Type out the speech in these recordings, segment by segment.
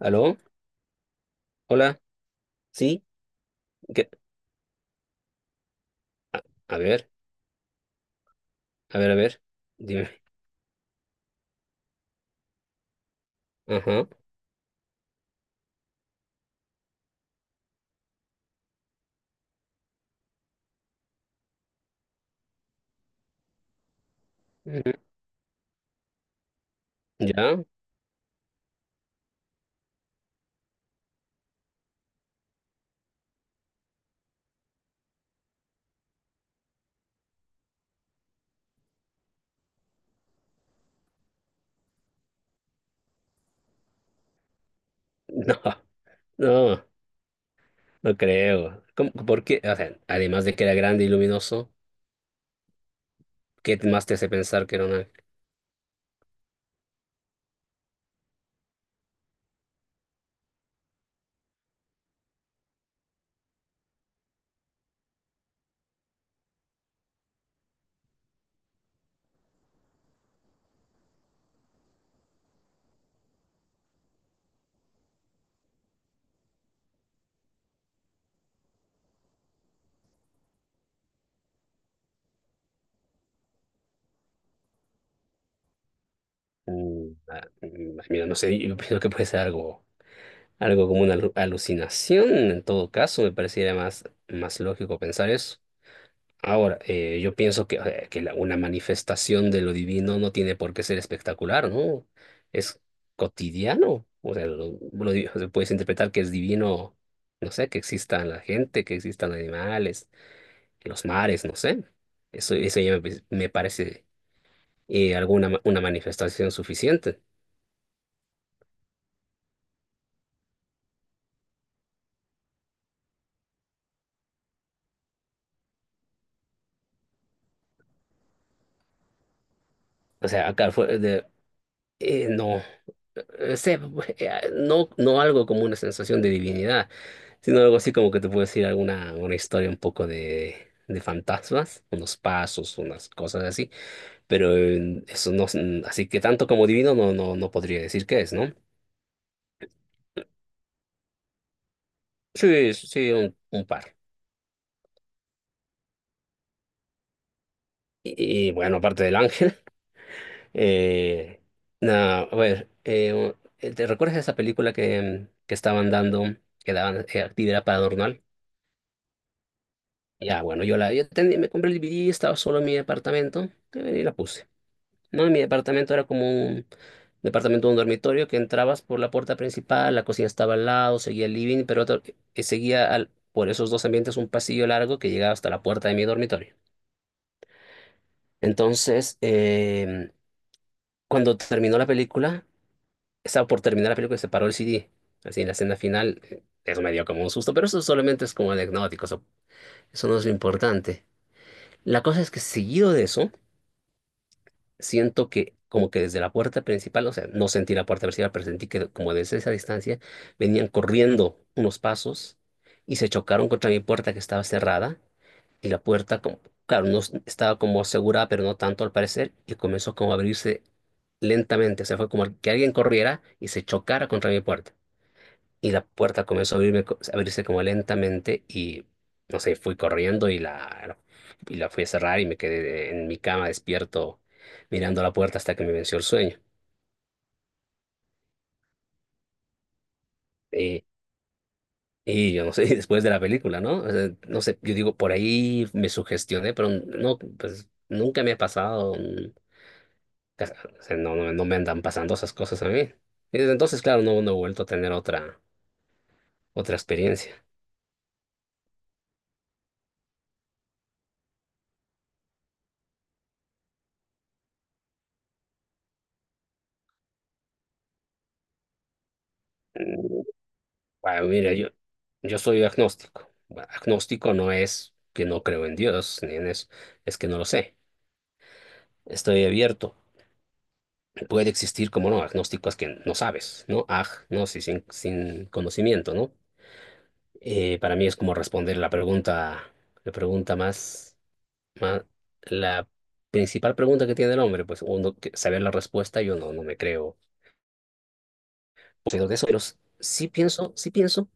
¿Aló? ¿Hola? ¿Sí? ¿Qué? A, a ver, a ver, a ver. Dime. Ajá. Ujú. ¿Ya? No, no, no creo. ¿Cómo- por qué? O sea, además de que era grande y luminoso, ¿qué más te hace pensar que era un ángel? Mira, no sé, yo pienso que puede ser algo, algo como una alu- alucinación. En todo caso, me pareciera más, más lógico pensar eso. Ahora, yo pienso que la- una manifestación de lo divino no tiene por qué ser espectacular, ¿no? Es cotidiano. O sea, lo di- o sea, puedes interpretar que es divino, no sé, que exista la gente, que existan animales, que los mares, no sé. Eso ya me parece alguna ma- una manifestación suficiente. O sea, acá fue de, no, sé, no, no algo como una sensación de divinidad. Sino algo así como que te puedo decir alguna una historia un poco de fantasmas, unos pasos, unas cosas así, pero eso no, es- así que tanto como divino no, no, no podría decir qué es, ¿no? Sí, sí, sí, un par. Y, bueno, aparte del ángel, eh, nada, a ver, ¿te recuerdas esa película que estaban dando, que daban actividad para adornar? Ya, bueno, yo tenía- me compré el DVD, estaba solo en mi apartamento y la puse. No, y mi departamento era como un departamento, un dormitorio que entrabas por la puerta principal, la cocina estaba al lado, seguía el living, pero otro- que seguía al- por esos dos ambientes un pasillo largo que llegaba hasta la puerta de mi dormitorio. Entonces, cuando terminó la película, estaba por terminar la película y se paró el CD. Así en la escena final, eso me dio como un susto, pero eso solamente es como anecdótico, eso no es lo importante. La cosa es que seguido de eso, siento que como que desde la puerta principal, o sea, no sentí la puerta principal, pero sentí que como desde esa distancia venían corriendo unos pasos y se chocaron contra mi puerta que estaba cerrada y la puerta, como, claro, no s- estaba como asegurada, pero no tanto al parecer, y comenzó como a abrirse lentamente, o sea, fue como que alguien corriera y se chocara contra mi puerta. Y la puerta comenzó a abrirme co- a abrirse como lentamente y, no sé, fui corriendo y la fui a cerrar y me quedé en mi cama despierto mirando la puerta hasta que me venció el sueño. Y, y yo no sé, después de la película, ¿no? O sea, no sé, yo digo, por ahí me sugestioné, pero no, pues nunca me ha pasado, cas- o sea, no, no, no me andan pasando esas cosas a mí. Y desde entonces, claro, no, no he vuelto a tener otra, otra experiencia. Bueno, mira, yo soy agnóstico. Bueno, agnóstico no es que no creo en Dios, ni en eso, es que no lo sé. Estoy abierto. Puede existir, como no, agnóstico es que no sabes, ¿no? Aj, no, sí, sin, sin conocimiento, ¿no? Para mí es como responder la pregunta más, más, la principal pregunta que tiene el hombre, pues uno que- saber la respuesta, yo no, no me creo. Pero de eso, pero s- sí pienso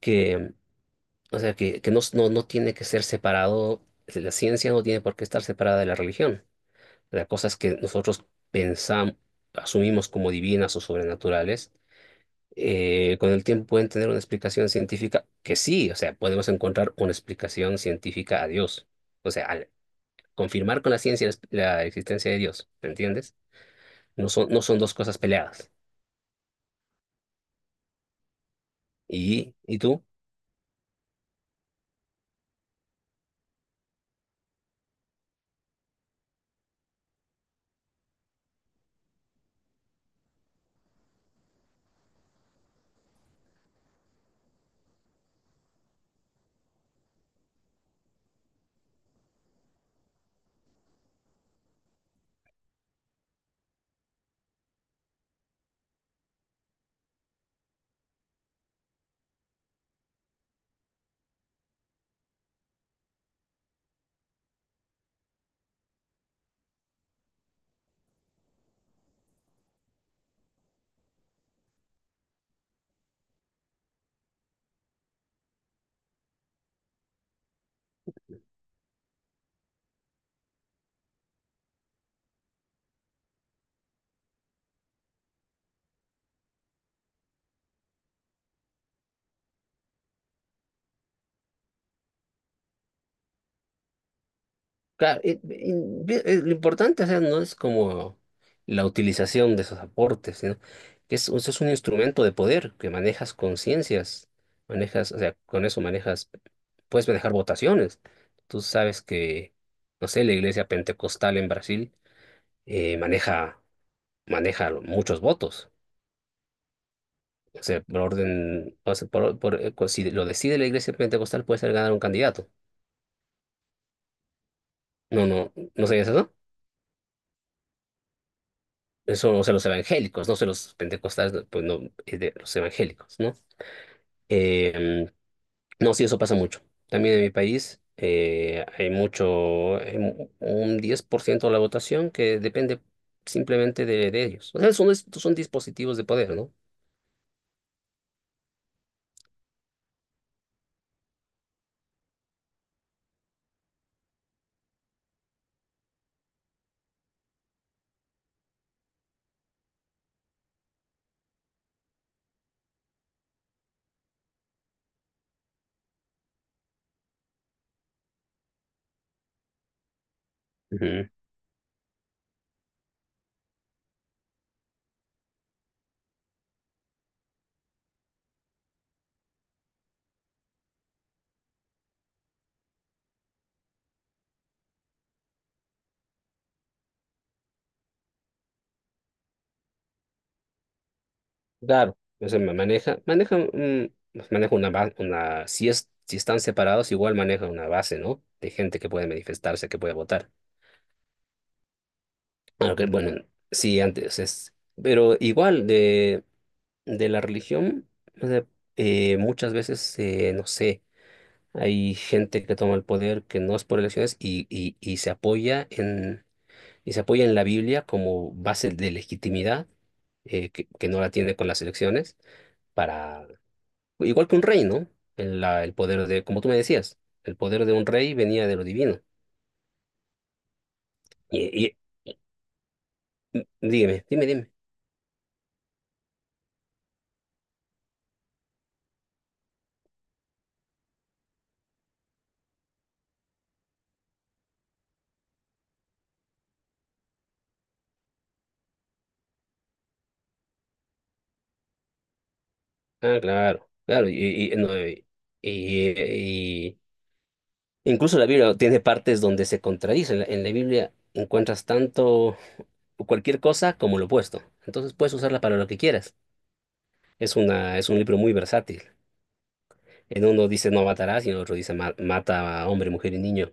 que o sea, que no, no, no tiene que ser separado, si la ciencia no tiene por qué estar separada de la religión. Las cosas que nosotros pensamos, asumimos como divinas o sobrenaturales, con el tiempo pueden tener una explicación científica que sí, o sea, podemos encontrar una explicación científica a Dios. O sea, al confirmar con la ciencia la, la existencia de Dios, ¿me entiendes? No son, no son dos cosas peleadas. Y tú? Claro, y vi- lo importante, o sea, no es como la utilización de esos aportes, sino que es, eso es un instrumento de poder que manejas conciencias, manejas, o sea, con eso manejas, puedes manejar votaciones. Tú sabes que, no sé, la iglesia pentecostal en Brasil maneja, maneja muchos votos. O sea, por orden, o sea, por- si lo decide la iglesia pentecostal, puede ser ganar un candidato. No, no, ¿no sabías eso? Eso, o sea, los evangélicos, no sé, los pentecostales, no, pues no, es de los evangélicos, ¿no? Em, no, sí, eso pasa mucho. También en mi país hay mucho, hay mu- un 10% de la votación que depende simplemente de ellos. O sea, son, es- son dispositivos de poder, ¿no? Ujú. Claro, o sea, ma- maneja, maneja, maneja una, base una, si es, si están separados, igual maneja una base, ¿no? De gente que puede manifestarse, que puede votar. Aunque, bueno, sí, antes es, pero igual de la religión, o sea, muchas veces, no sé, hay gente que toma el poder que no es por elecciones y se apoya en, y se apoya en la Biblia como base de legitimidad, que no la tiene con las elecciones, para, igual que un rey, ¿no? El, la- el poder de, como tú me decías, el poder de un rey venía de lo divino. Y- dígame dime, dime. Ah, claro, claro, y, no, y- incluso la Biblia tiene partes donde se contradicen. En la Biblia encuentras tanto cualquier cosa como lo opuesto. Entonces puedes usarla para lo que quieras. Es una, es un libro muy versátil. En uno dice no matarás y en otro dice "Ma- mata a hombre, mujer y niño".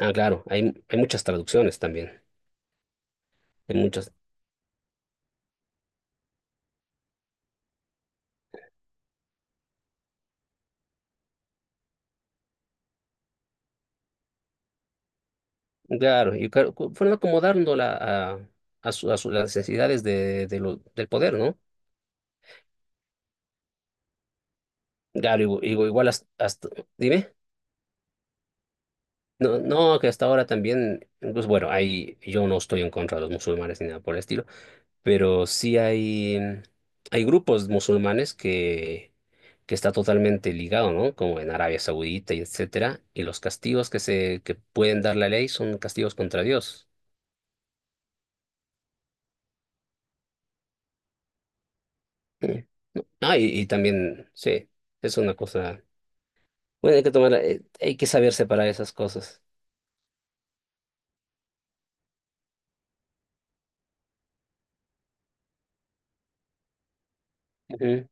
Ah, claro, hay muchas traducciones también. Hay muchas. Claro, y claro, cu- fueron acomodándola a, a su- las necesidades de lo- del poder, ¿no? Claro, igu- igu- igual hasta, hasta- dime. No, no, que hasta ahora también, pues bueno, hay, yo no estoy en contra de los musulmanes ni nada por el estilo, pero sí hay grupos musulmanes que está totalmente ligado, ¿no? Como en Arabia Saudita y etcétera, y los castigos que se, que pueden dar la ley son castigos contra Dios. Mm. Ah, y también, sí, es una cosa, bueno, hay que tomar, hay que saber separar esas cosas. Ujú.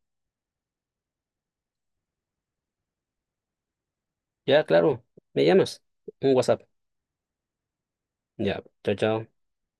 Ya, claro, me llamas, un WhatsApp, ya, chao, chao.